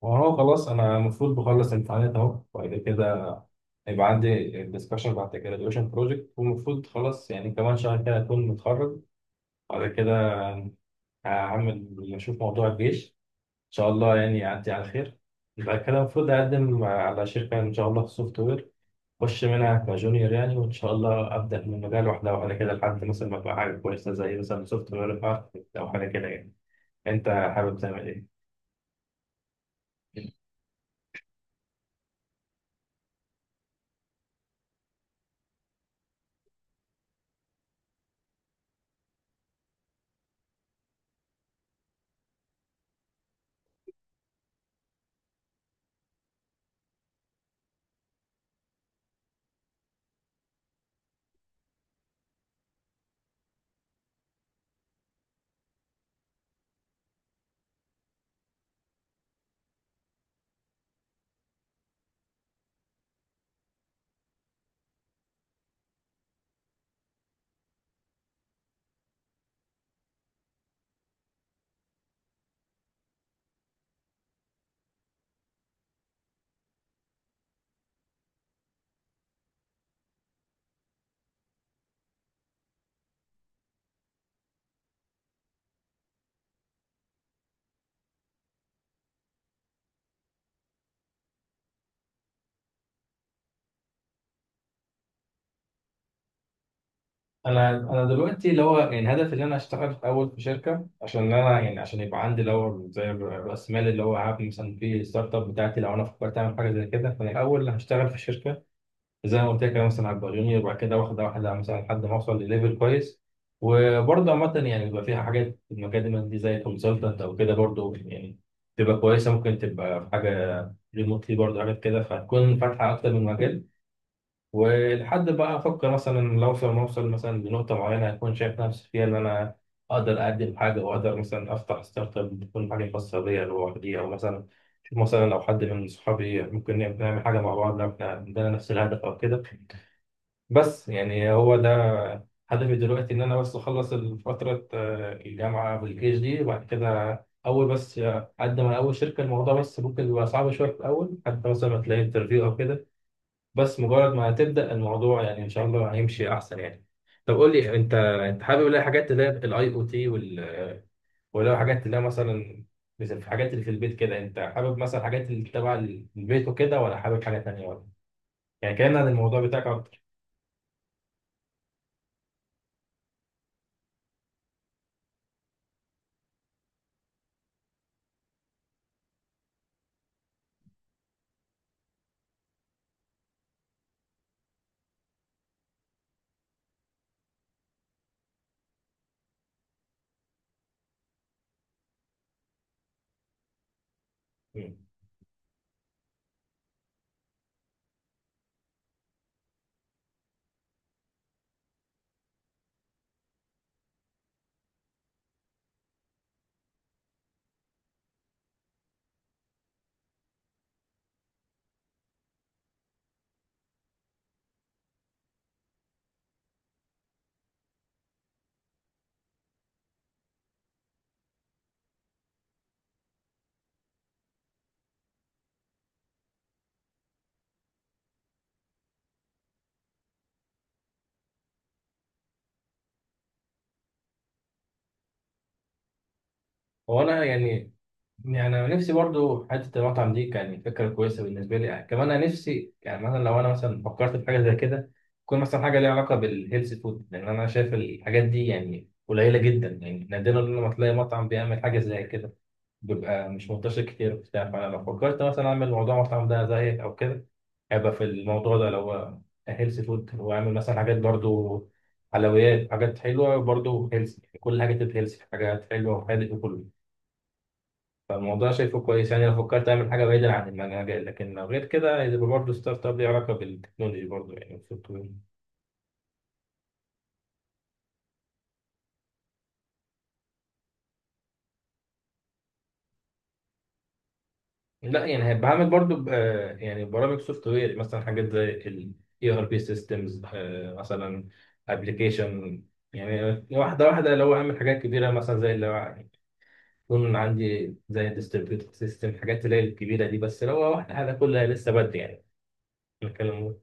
وهو خلاص انا المفروض بخلص امتحانات اهو وبعد كده هيبقى عندي الدسكشن بعد الجراديويشن بروجكت والمفروض خلاص، يعني كمان شهر كده اكون متخرج وبعد كده هعمل اشوف موضوع الجيش ان شاء الله، يعني يعدي على خير. بعد كده المفروض اقدم على شركه ان شاء الله في السوفت وير، اخش منها كجونيور يعني، وان شاء الله ابدا من مجال واحده واحده كده لحد مثلا ما ابقى حاجه كويسه زي مثلا سوفت وير او حاجه كده يعني. انت حابب تعمل ايه؟ انا دلوقتي اللي هو يعني هدفي ان انا اشتغل في اول في شركه عشان انا يعني، عشان يبقى عندي اللي هو زي راس مال اللي هو هعمل مثلا في ستارت اب بتاعتي. لو انا فكرت اعمل حاجه زي كده فانا الاول هشتغل في شركه زي ما قلت لك، انا مثلا هبقى جونيور وبعد كده واخد واحده مثلا لحد ما اوصل لليفل كويس. وبرضه عامه يعني بيبقى فيها حاجات في المجال دي زي كونسلتنت او كده برضه يعني، تبقى كويسه، ممكن تبقى في حاجه ريموتلي برضه حاجات كده، فهتكون فاتحه اكتر من مجال. ولحد بقى افكر مثلا لو اوصل ما اوصل مثلا لنقطه معينه اكون شايف نفسي فيها ان انا اقدر اقدم حاجه واقدر مثلا افتح ستارت اب تكون حاجه خاصه بيا لوحدي، او مثلا شوف مثلا لو حد من صحابي ممكن نعمل حاجه مع بعض لو احنا عندنا نفس الهدف او كده. بس يعني هو ده هدفي دلوقتي، ان انا بس اخلص فتره الجامعه والجيش دي وبعد كده اول بس اقدم على اول شركه. الموضوع بس ممكن يبقى صعب شويه في الاول، حتى مثلا ما تلاقي انترفيو او كده، بس مجرد ما تبدأ الموضوع يعني ان شاء الله هيمشي احسن يعني. طب قول لي انت، انت حابب الاقي حاجات اللي هي الاي او تي وال، ولا حاجات اللي هي مثلا، مثل في حاجات اللي في البيت كده، انت حابب مثلا حاجات اللي تبع البيت وكده ولا حابب حاجة تانية ولا؟ يعني كلمنا عن الموضوع بتاعك اكتر. مم. هو انا يعني، يعني انا نفسي برضو حته المطعم دي كان فكره كويسه بالنسبه لي يعني. كمان انا نفسي يعني مثلا لو انا مثلا فكرت في حاجه زي كده تكون مثلا حاجه ليها علاقه بالهيلث فود، لان انا شايف الحاجات دي يعني قليله جدا، يعني نادرا لما تلاقي مطعم بيعمل حاجه زي كده، بيبقى مش منتشر كتير وبتاع. فانا لو فكرت مثلا اعمل موضوع مطعم ده زي او كده هيبقى في الموضوع ده لو هو هيلث فود، واعمل مثلا حاجات برضو حلويات، حاجات حلوه برضو هيلث، كل حاجه تبقى هيلث، حاجات حلوه وحادق وكله. فالموضوع شايفه كويس يعني لو فكرت اعمل حاجه بعيدا عن المجال، لكن لو غير كده هيبقى برضه ستارت اب ليه علاقه بالتكنولوجي برضه يعني السوفت وير. لا يعني هيبقى عامل برضه يعني برامج سوفت وير مثلا، حاجات زي ال ERP systems مثلا application، يعني واحده واحده اللي هو اعمل حاجات كبيره مثلا زي اللي هو يكون عندي زي distributed system، حاجات اللي هي الكبيره دي. بس لو هو واحده حاجه كلها لسه بدري يعني نتكلم.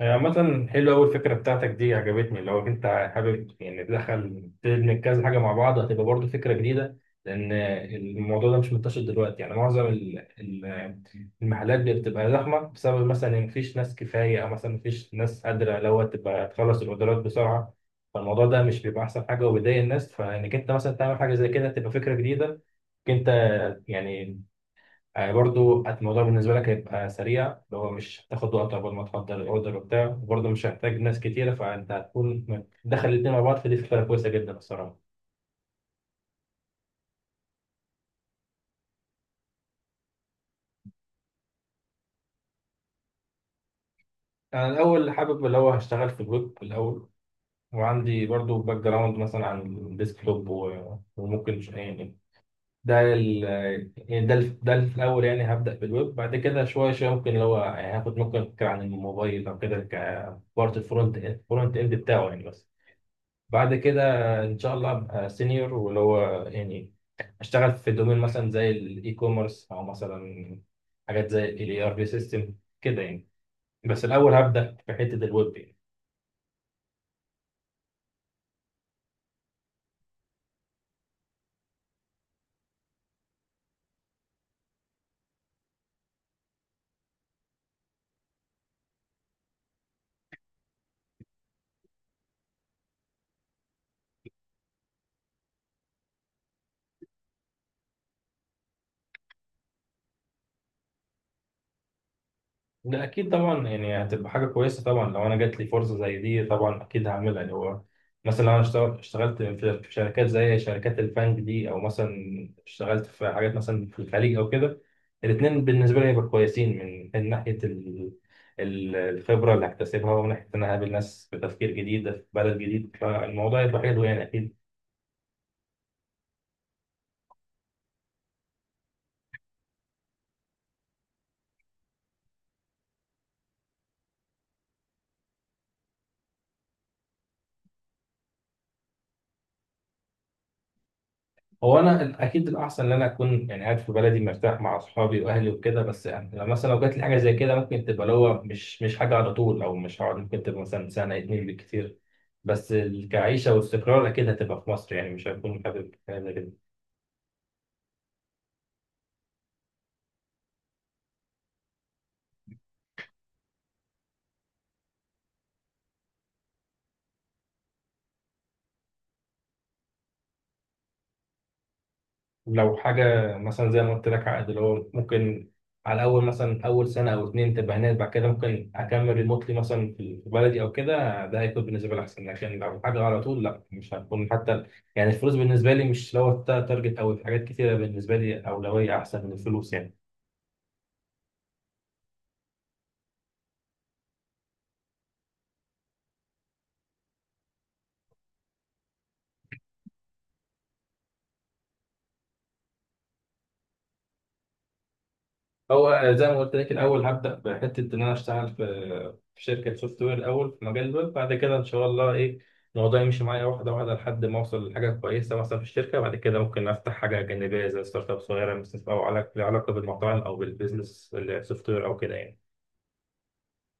هي عامة حلوة أوي، الفكرة بتاعتك دي عجبتني لو أنت حابب يعني تدخل تدمج كذا حاجة مع بعض، هتبقى برضه فكرة جديدة لأن الموضوع ده مش منتشر دلوقتي. يعني معظم ال- المحلات بتبقى زحمة بسبب مثلا إن مفيش ناس كفاية، أو مثلا مفيش ناس قادرة اللي هو تبقى تخلص الأوردرات بسرعة، فالموضوع ده مش بيبقى أحسن حاجة وبيضايق الناس. فإنك أنت مثلا تعمل حاجة زي كده تبقى فكرة جديدة، إنك أنت يعني، برضو الموضوع بالنسبة لك هيبقى سريع اللي هو مش هتاخد وقت قبل ما تحضر الاوردر وبتاع، وبرضو مش هتحتاج ناس كتيرة، فأنت هتكون دخل الاتنين مع بعض، فدي فكرة كويسة جدا الصراحة. أنا الأول حابب اللي هو هشتغل في الويب الأول، وعندي برضو باك جراوند مثلا عن الديسكتوب وممكن يعني، ده ال، يعني ده ال في الأول يعني هبدأ بالويب، بعد كده شوية شوية ممكن اللي هو يعني هاخد ممكن فكرة عن الموبايل أو كده كبارت الفرونت إند بتاعه يعني بس. بعد كده ان شاء الله ابقى سينيور واللي هو يعني اشتغل في دومين مثلا زي الاي كوميرس، او مثلا حاجات زي الاي ار بي سيستم كده يعني. بس الاول هبدا في حته الويب يعني. ده اكيد طبعا، يعني هتبقى حاجه كويسه طبعا لو انا جات لي فرصه زي دي طبعا اكيد هعملها. اللي هو مثلا لو انا اشتغلت في شركات زي شركات البنك دي، او مثلا اشتغلت في حاجات مثلا في الخليج او كده، الاثنين بالنسبه لي هيبقوا كويسين من من ناحيه ال، الخبره اللي هكتسبها، ومن ناحيه ان انا هقابل ناس بتفكير جديد في بلد جديد، فالموضوع هيبقى حلو يعني اكيد. هو انا اكيد الاحسن ان انا اكون يعني قاعد في بلدي مرتاح مع اصحابي واهلي وكده، بس يعني لو مثلا لو جات لي حاجه زي كده ممكن تبقى اللي هو مش حاجه على طول، او مش هقعد، ممكن تبقى مثلا سنه اتنين بالكتير، بس كعيشه واستقرار اكيد هتبقى في مصر، يعني مش هكون حابب حاجه زي كده. لو حاجة مثلا زي ما قلت لك عقد اللي هو ممكن على أول مثلا أول سنة أو اتنين تبقى هناك، بعد كده ممكن أكمل ريموتلي مثلا في بلدي أو كده، ده هيكون بالنسبة لي أحسن، لكن لو حاجة على طول لا مش هتكون حتى يعني. الفلوس بالنسبة لي مش، لو تارجت أو حاجات كتيرة بالنسبة لي أولوية أحسن من الفلوس يعني. هو زي ما قلت لك الاول هبدا بحته ان انا اشتغل في في شركه سوفت وير الاول في مجال الويب، بعد كده ان شاء الله ايه الموضوع يمشي معايا واحده واحده لحد ما اوصل لحاجه كويسه مثلا في الشركه، بعد كده ممكن افتح حاجه جانبيه زي ستارت اب صغيره مثلا، او علاقه لها علاقه بالمطاعم او بالبيزنس السوفت وير او كده يعني.